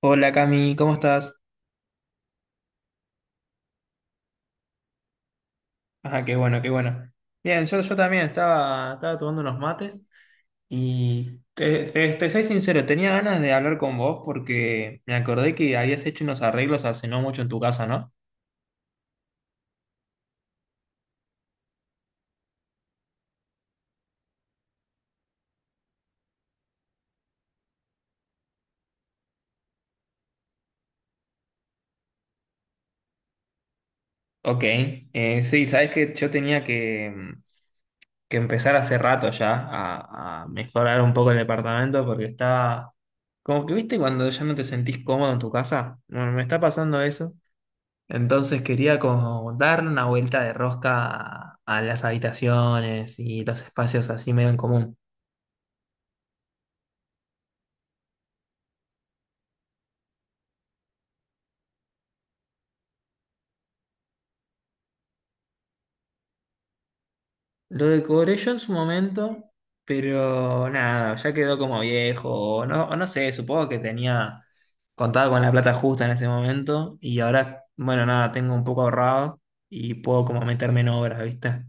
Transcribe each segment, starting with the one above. Hola, Cami, ¿cómo estás? Ajá, qué bueno, qué bueno. Bien, yo también estaba tomando unos mates y te soy sincero, tenía ganas de hablar con vos porque me acordé que habías hecho unos arreglos hace no mucho en tu casa, ¿no? Ok, sí, sabes que yo tenía que empezar hace rato ya a mejorar un poco el departamento porque está... Como que viste cuando ya no te sentís cómodo en tu casa, bueno, me está pasando eso. Entonces quería como darle una vuelta de rosca a las habitaciones y los espacios así medio en común. Lo decoré yo en su momento, pero nada, ya quedó como viejo, o no sé, supongo que tenía contado con la plata justa en ese momento y ahora, bueno, nada, tengo un poco ahorrado y puedo como meterme en obras, ¿viste?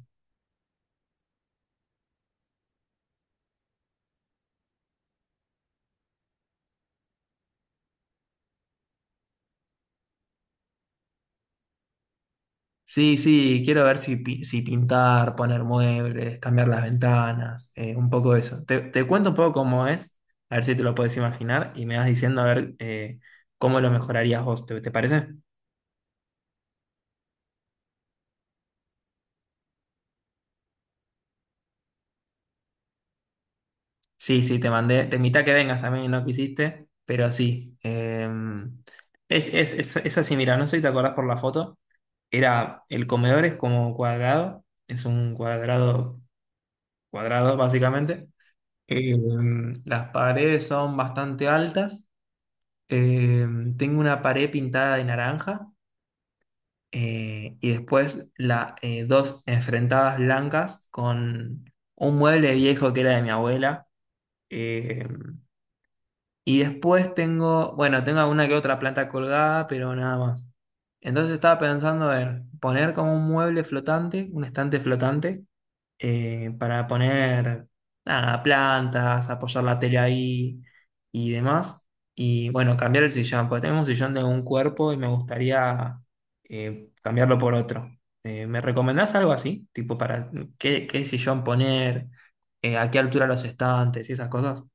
Sí, sí, quiero ver si, si pintar, poner muebles, cambiar las ventanas, un poco eso. Te cuento un poco cómo es, a ver si te lo puedes imaginar y me vas diciendo a ver cómo lo mejorarías vos, ¿te parece? Sí, sí, te mandé, te invité a que vengas también y no quisiste, pero sí. Es así, mira, no sé si te acordás por la foto, era, el comedor es como cuadrado, es un cuadrado, cuadrado básicamente. Eh, las paredes son bastante altas. Eh, Tengo una pared pintada de naranja, y después dos enfrentadas blancas con un mueble viejo que era de mi abuela. Eh, y después tengo, bueno, tengo alguna que otra planta colgada, pero nada más. Entonces estaba pensando en poner como un mueble flotante, un estante flotante, para poner nada, plantas, apoyar la tele ahí y demás. Y bueno, cambiar el sillón, porque tengo un sillón de un cuerpo y me gustaría cambiarlo por otro. ¿Me recomendás algo así? Tipo, para qué sillón poner, a qué altura los estantes y esas cosas.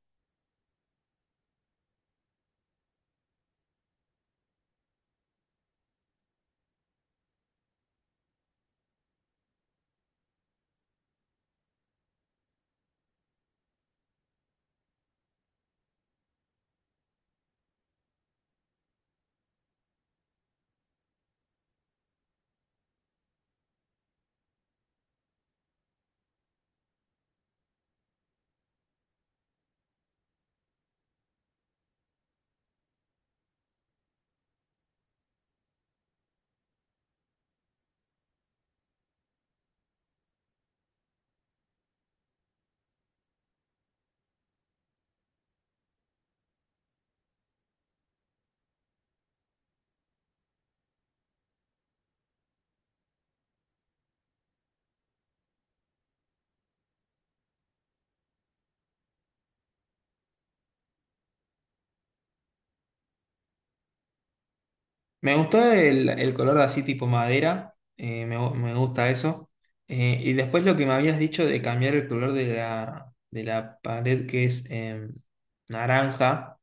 Me gustó el color de así tipo madera, me gusta eso. Y después lo que me habías dicho de cambiar el color de de la pared, que es naranja,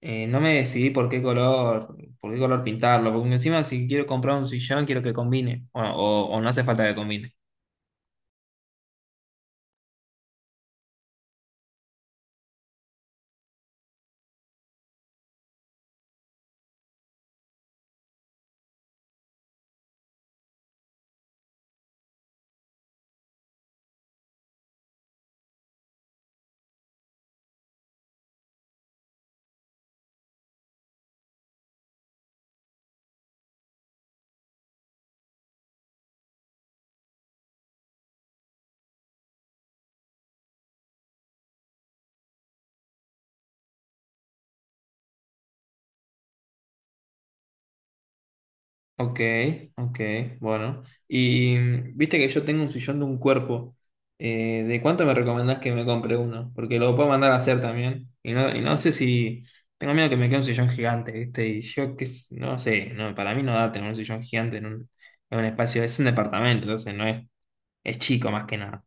no me decidí por qué color pintarlo, porque encima si quiero comprar un sillón quiero que combine, o no hace falta que combine. Ok, ok, bueno. Y viste que yo tengo un sillón de un cuerpo. ¿De cuánto me recomendás que me compre uno? Porque lo puedo mandar a hacer también. Y no sé si... Tengo miedo que me quede un sillón gigante, ¿viste? Y yo no sé, no, para mí no da tener un sillón gigante en un espacio. Es un departamento, entonces no es, es chico más que nada.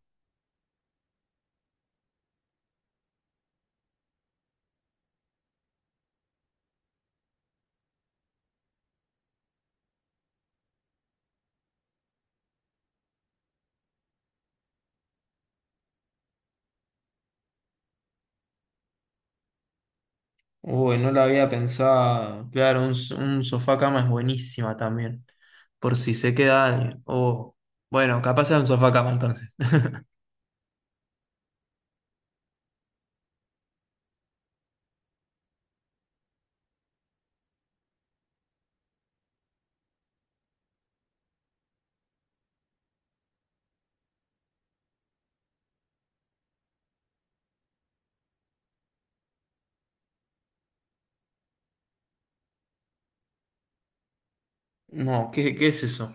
Uy, no lo había pensado. Claro, un sofá cama es buenísima también. Por si se queda alguien. Oh, bueno, capaz sea un sofá cama entonces. No, qué es eso?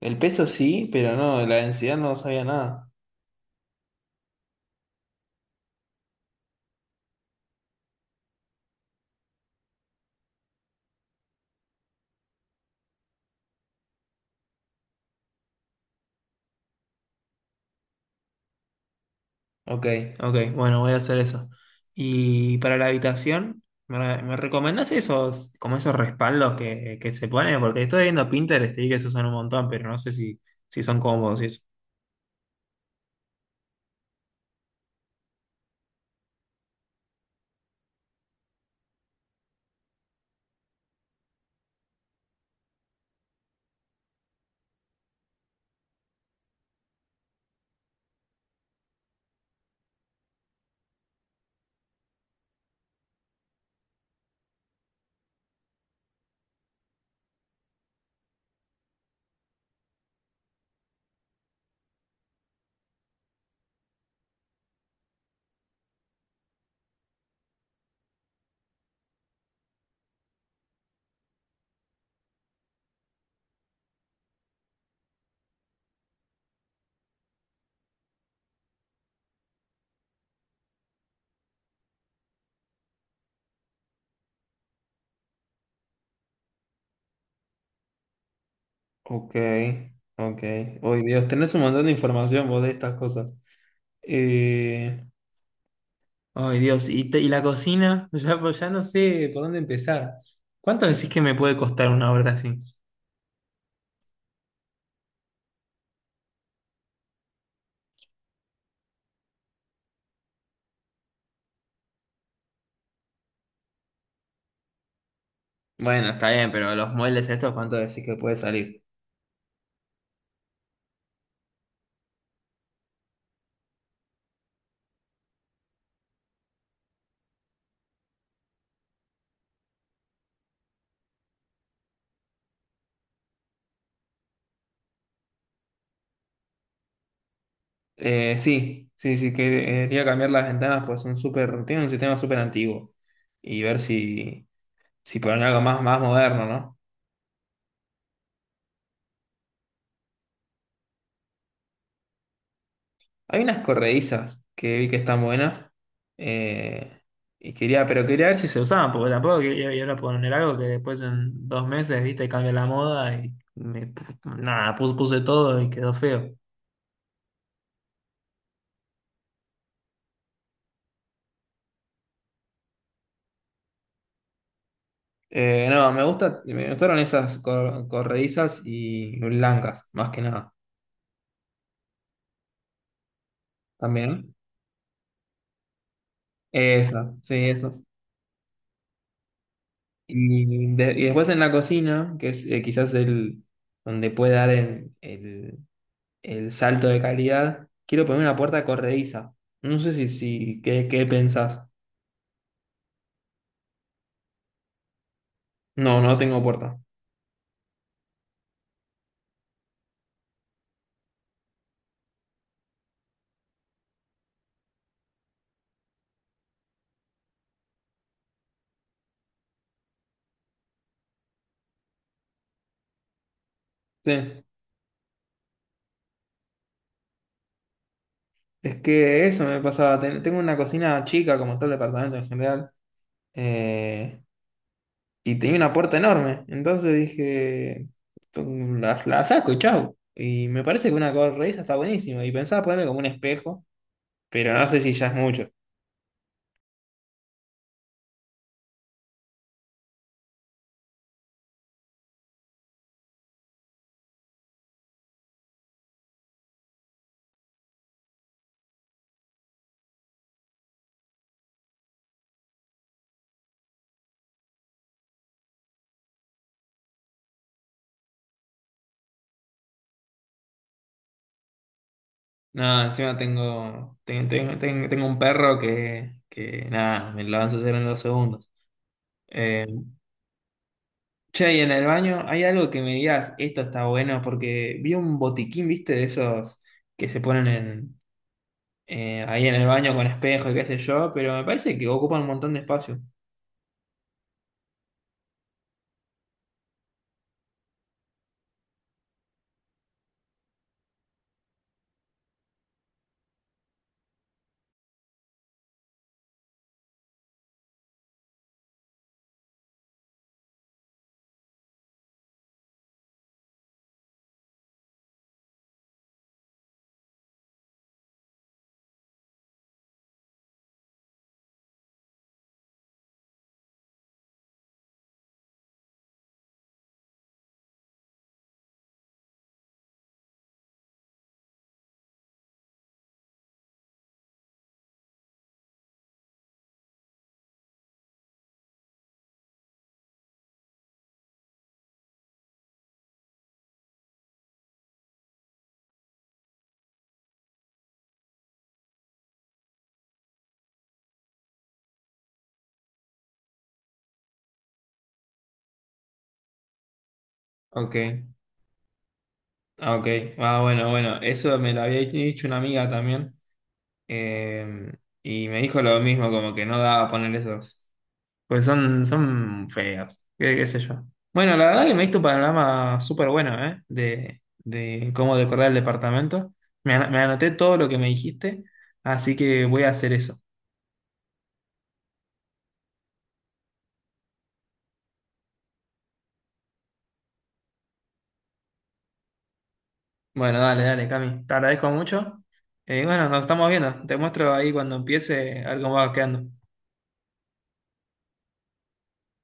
El peso sí, pero no, de la densidad no sabía nada. Ok, ok, bueno, voy a hacer eso. Y para la habitación, me recomendás esos, como esos respaldos que se ponen? Porque estoy viendo Pinterest y vi que se usan un montón, pero no sé si, si son cómodos y eso. Ok, ok. Uy, Dios, tenés un montón de información vos de estas cosas. Eh, Ay, Dios, y la cocina? Ya, pues ya no sé por dónde empezar. ¿Cuánto decís que me puede costar una obra así? Bueno, está bien, pero los moldes estos, ¿cuánto decís que puede salir? Sí, sí, sí, quería cambiar las ventanas, pues son súper, tienen un sistema súper antiguo. Y ver si, si ponen algo más, más moderno, ¿no? Hay unas corredizas que vi que están buenas. eh, y quería, pero quería ver si se usaban, porque tampoco quería ir a poner algo que después en dos meses, viste, cambia la moda y me, nada, puse todo y quedó feo. No, me gusta, me gustaron esas corredizas y blancas, más que nada. También. Esas, sí, esas. Y después en la cocina, que es quizás el donde puede dar el salto de calidad, quiero poner una puerta corrediza. No sé si, si qué pensás? No, no tengo puerta. Sí. Es que eso me pasaba. Tengo una cocina chica, como todo el departamento en general. eh, y tenía una puerta enorme. Entonces dije, la saco y chau. Y me parece que una corredera está buenísima. Y pensaba ponerle como un espejo, pero no sé si ya es mucho. No, encima tengo, ten- ten- ten- tengo un perro que nada, me lo va a ensuciar en dos segundos. Eh, che, y en el baño, ¿hay algo que me digas, esto está bueno? Porque vi un botiquín, viste, de esos que se ponen en, ahí en el baño con espejo y qué sé yo, pero me parece que ocupan un montón de espacio. Ok. Ah, ok. Ah, bueno, bueno. Eso me lo había dicho una amiga también. eh, y me dijo lo mismo, como que no daba poner esos. Pues son, son feos. Qué sé yo? Bueno, la verdad que me diste un panorama súper bueno, ¿eh? De cómo decorar el departamento. Me anoté todo lo que me dijiste, así que voy a hacer eso. Bueno, dale, dale, Cami. Te agradezco mucho. Bueno, nos estamos viendo. Te muestro ahí cuando empiece a ver cómo va quedando.